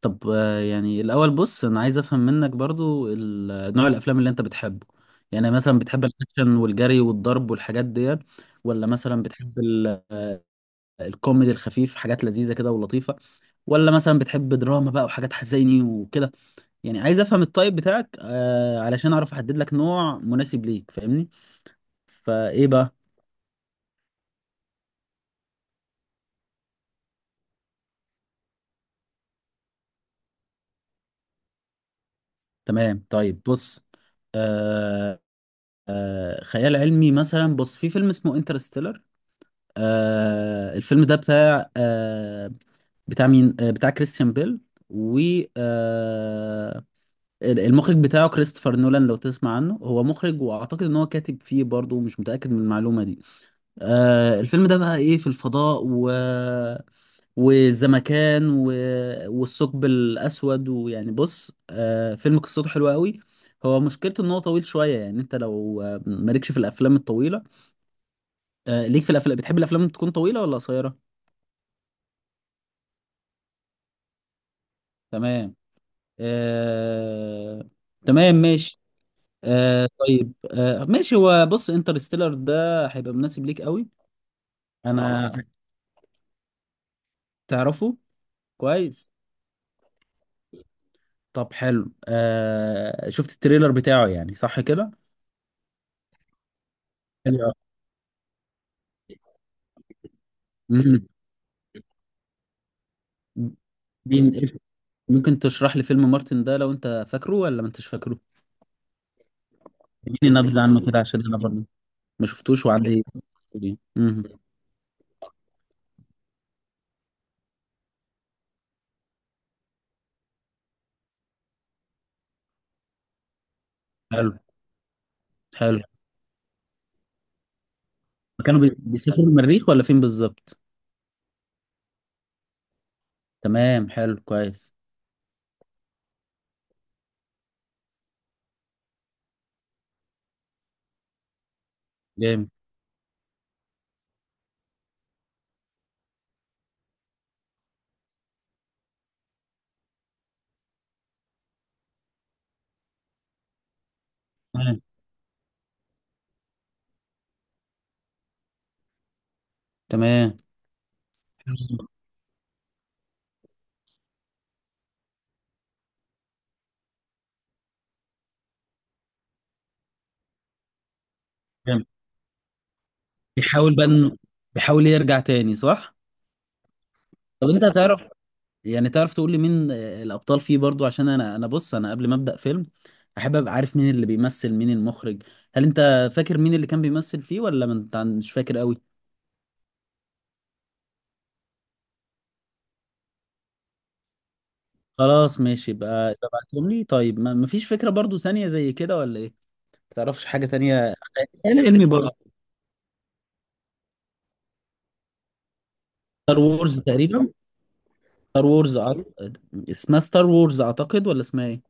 طب يعني الأول بص أنا عايز أفهم منك برضو نوع الأفلام اللي أنت بتحبه. يعني مثلا بتحب الأكشن والجري والضرب والحاجات ديت، ولا مثلا بتحب الكوميدي الخفيف، حاجات لذيذة كده ولطيفة، ولا مثلا بتحب دراما بقى وحاجات حزيني وكده. يعني عايز أفهم الطيب بتاعك علشان أعرف أحدد لك نوع مناسب ليك، فاهمني؟ فإيه بقى؟ تمام، طيب بص. آه خيال علمي مثلا، بص في فيلم اسمه انترستيلر. الفيلم ده بتاع بتاع مين؟ بتاع كريستيان بيل و آه المخرج بتاعه كريستوفر نولان لو تسمع عنه، هو مخرج، واعتقد ان هو كاتب فيه برضه، مش متأكد من المعلومة دي. الفيلم ده بقى ايه، في الفضاء و والزمكان والثقب الاسود، ويعني بص فيلم قصته حلوه قوي. هو مشكلته ان هو طويل شويه، يعني انت لو مالكش في الافلام الطويله. ليك في الافلام؟ بتحب الافلام تكون طويله ولا قصيره؟ تمام. آه... تمام ماشي. طيب ماشي، هو بص انترستيلر ده هيبقى مناسب ليك قوي. انا، تعرفه؟ كويس. طب حلو، شفت التريلر بتاعه يعني صح كده؟ حلو أوي. مم. بين- ممكن تشرح لي فيلم مارتن ده لو انت فاكره ولا ما انتش فاكره؟ اديني نبذة عنه كده عشان انا برضه ما شفتوش، وعندي يعني. مم. حلو. حلو. كانوا بيسافروا المريخ ولا فين بالظبط؟ تمام، حلو كويس. جامد. تمام. تمام. بيحاول بقى بيحاول يرجع تاني صح؟ طب انت تعرف، يعني تعرف تقول لي مين الابطال فيه برضو؟ عشان انا، انا بص، انا قبل ما ابدا فيلم احب ابقى عارف مين اللي بيمثل، مين المخرج. هل انت فاكر مين اللي كان بيمثل فيه، ولا ما انت مش فاكر قوي؟ خلاص ماشي، يبقى ابعتهم لي. طيب ما مفيش فكرة برضو تانية زي كده ولا ايه، ما تعرفش حاجة تانية؟ يعني انمي برضو؟ ستار وورز تقريبا. ستار وورز اسمها ستار وورز اعتقد، ولا اسمها ايه؟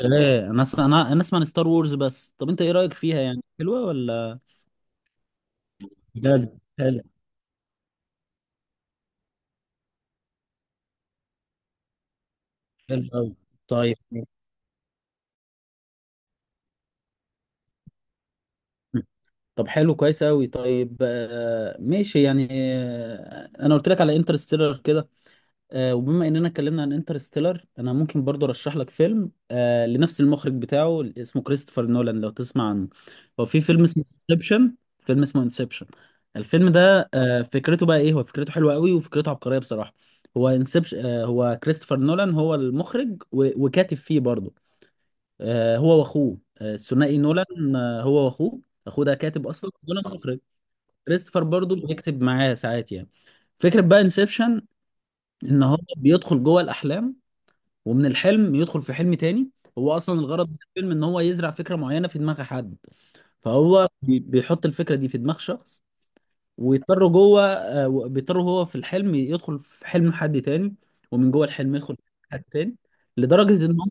اوكي. انا اسمع، انا اسمع عن ستار وورز بس، طب انت ايه رايك فيها يعني، حلوه ولا؟ بجد؟ حلو. حلو قوي. طيب. طب حلو كويس قوي. طيب ماشي يعني، انا قلت لك على انترستيلر كده، وبما اننا اتكلمنا عن انترستيلر، انا ممكن برضو ارشح لك فيلم لنفس المخرج بتاعه اسمه كريستوفر نولان لو تسمع عنه. هو في فيلم اسمه انسبشن. فيلم اسمه انسبشن. الفيلم ده فكرته بقى ايه، هو فكرته حلوه قوي وفكرته عبقريه بصراحه. هو انسبشن، هو كريستوفر نولان هو المخرج وكاتب فيه برضو. هو واخوه، الثنائي نولان، هو واخوه. اخوه ده كاتب اصلا، نولان مخرج، كريستوفر برضو بيكتب معاه ساعات يعني. فكرة بقى انسبشن ان هو بيدخل جوه الاحلام، ومن الحلم يدخل في حلم تاني. هو اصلا الغرض من الفيلم ان هو يزرع فكره معينه في دماغ حد. فهو بيحط الفكره دي في دماغ شخص، ويضطر جوه بيضطر هو في الحلم يدخل في حلم حد تاني، ومن جوه الحلم يدخل في حلم حد تاني، لدرجه ان هم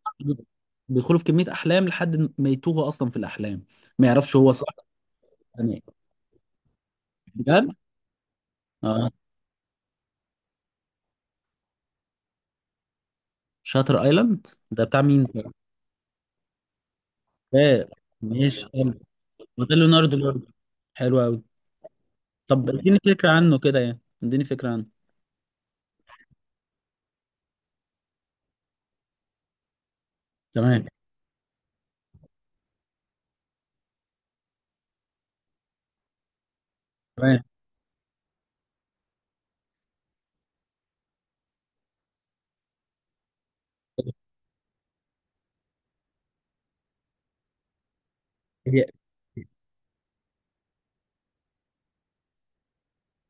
بيدخلوا في كميه احلام لحد ما يتوه اصلا في الاحلام، ما يعرفش هو صح ولا ايه. بجد. اه. شاتر ايلاند ده بتاع مين ده؟ آه، ماشي، حلو. ده ليوناردو حلو قوي. طب اديني فكرة عنه كده، يعني اديني فكرة عنه. تمام. تمام. هي-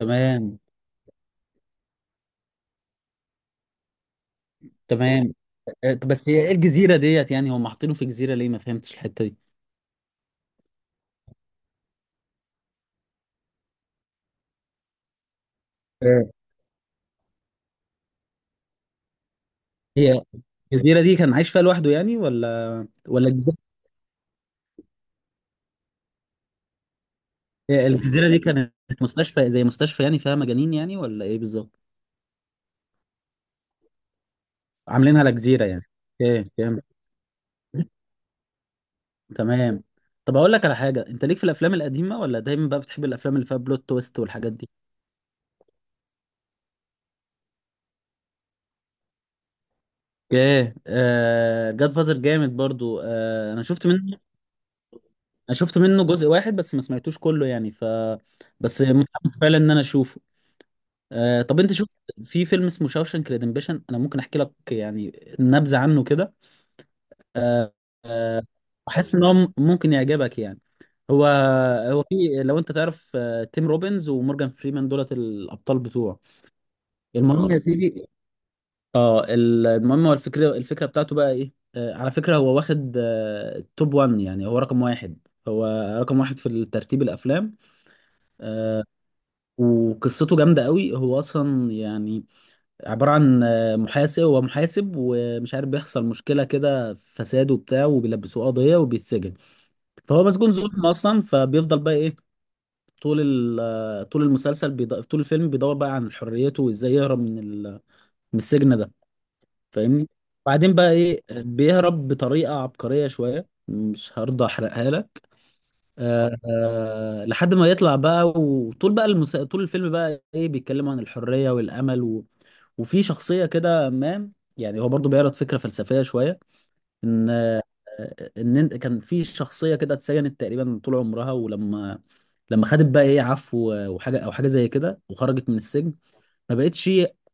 تمام. تمام. طب بس هي ايه الجزيرة ديت، يعني هم حاطينه في جزيرة ليه؟ ما فهمتش الحتة دي. آه. هي الجزيرة دي كان عايش فيها لوحده يعني ولا؟ ولا الجزيرة، الجزيرة دي كانت مستشفى، زي مستشفى يعني فيها مجانين يعني ولا ايه بالظبط؟ عاملينها لجزيرة يعني. اوكي، فهمت. تمام. طب اقول لك على حاجة، انت ليك في الافلام القديمة، ولا دايما بقى بتحب الافلام اللي فيها بلوت تويست والحاجات دي؟ اوكي. جاد فازر جامد برضو. انا شفت منه جزء واحد بس، ما سمعتوش كله يعني، ف بس متحمس فعلا ان انا اشوفه. طب انت شفت في فيلم اسمه شاوشانك ريدمبشن؟ انا ممكن احكي لك يعني نبذة عنه كده. آه آه احس ان هو ممكن يعجبك يعني. هو هو في، لو انت تعرف، تيم روبنز ومورجان فريمان دولت الابطال بتوعه. المهم، يا سيدي، المهم هو الفكرة، الفكرة بتاعته بقى ايه. على فكرة، هو واخد التوب 1، يعني هو رقم واحد، هو رقم واحد في ترتيب الافلام. وقصته جامدة قوي. هو اصلا يعني عبارة عن محاسب، هو محاسب ومش عارف، بيحصل مشكلة كده فساد وبتاع، وبيلبسوه قضية وبيتسجن. فهو مسجون ظلم اصلا، فبيفضل بقى ايه، طول طول المسلسل طول الفيلم بيدور بقى عن حريته وازاي يهرب من من السجن ده، فاهمني؟ بعدين بقى ايه، بيهرب بطريقه عبقريه شويه، مش هرضى احرقها لك. لحد ما يطلع بقى، وطول بقى طول الفيلم بقى ايه، بيتكلموا عن الحريه والامل وفي شخصيه كده، ما يعني، هو برضو بيعرض فكره فلسفيه شويه، ان آه، ان كان في شخصيه كده اتسجنت تقريبا طول عمرها، ولما خدت بقى ايه عفو وحاجه او حاجه زي كده وخرجت من السجن، ما بقتش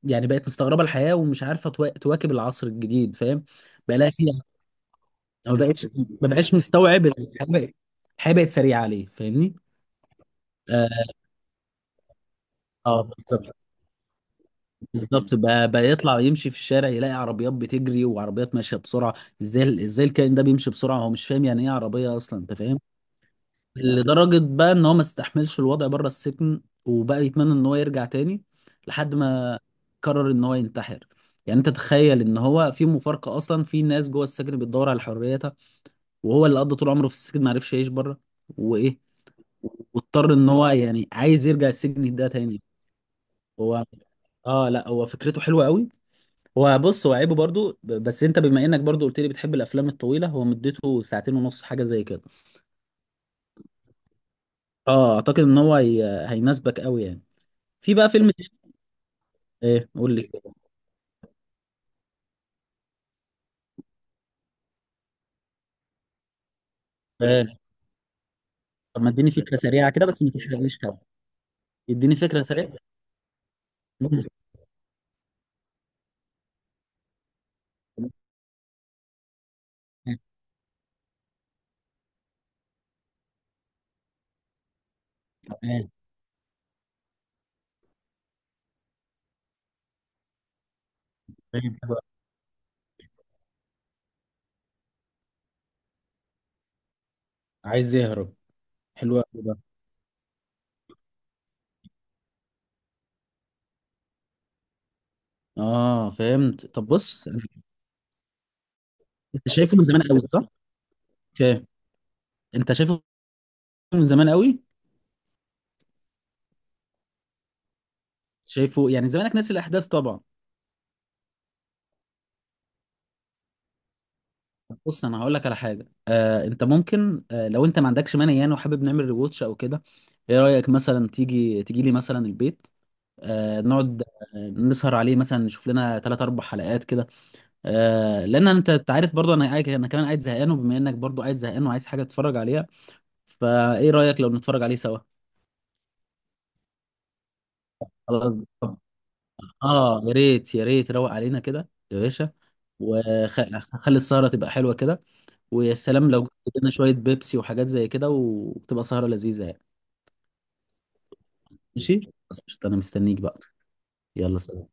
يعني، بقت مستغربه الحياه ومش عارفه تواكب العصر الجديد، فاهم؟ بقى لها فيها، ما بقتش ما بقاش مستوعب الحياه بقت سريعه عليه، فاهمني؟ اه، بالظبط. بالظبط بقى يطلع يمشي في الشارع يلاقي عربيات بتجري وعربيات ماشيه بسرعه. ازاي، ازاي الكائن ده بيمشي بسرعه؟ هو مش فاهم يعني ايه عربيه اصلا، انت فاهم؟ لدرجة بقى ان هو ما استحملش الوضع بره السجن، وبقى يتمنى ان هو يرجع تاني، لحد ما قرر ان هو ينتحر. يعني انت تخيل ان هو في مفارقة اصلا، في ناس جوه السجن بتدور على حريتها، وهو اللي قضى طول عمره في السجن ما عرفش يعيش بره. وايه، واضطر ان هو يعني عايز يرجع السجن ده تاني. هو اه لا هو فكرته حلوة قوي. هو بص، هو عيبه برضو بس انت، بما انك برضو قلت لي بتحب الافلام الطويلة، هو مدته ساعتين ونص حاجة زي كده. اه، اعتقد ان هو هيناسبك قوي يعني. في بقى فيلم. ايه، قول لي. آه. طب ما اديني فكره سريعه كده، بس ما تحرقليش حاجه. اديني فكره سريعه. مم. تمام. تمام، حلو أوي. عايز يهرب. حلو قوي ده. اه فهمت. طب بص، انت شايفه من زمان قوي صح؟ اوكي. انت شايفه من زمان قوي، شايفه يعني، زمانك ناسي الاحداث طبعا. طب بص، انا هقول لك على حاجه. انت ممكن، لو انت ما عندكش مانع يعني، وحابب نعمل ريواتش او كده. ايه رايك مثلا، تيجي تيجي لي مثلا البيت، نقعد، نسهر عليه مثلا، نشوف لنا ثلاث اربع حلقات كده، لان انت، أنت عارف برضو انا قاعد، انا كمان قاعد زهقان، وبما انك برضو قاعد زهقان وعايز حاجه تتفرج عليها، فايه رايك لو نتفرج عليه سوا؟ خلاص. طب. اه يا ريت، يا ريت روق علينا كده يا باشا، وخلي السهره تبقى حلوه كده، ويا سلام لو جبت لنا شويه بيبسي وحاجات زي كده، وتبقى سهره لذيذه يعني. ماشي. خلاص قشطة، انا مستنيك بقى. يلا سلام.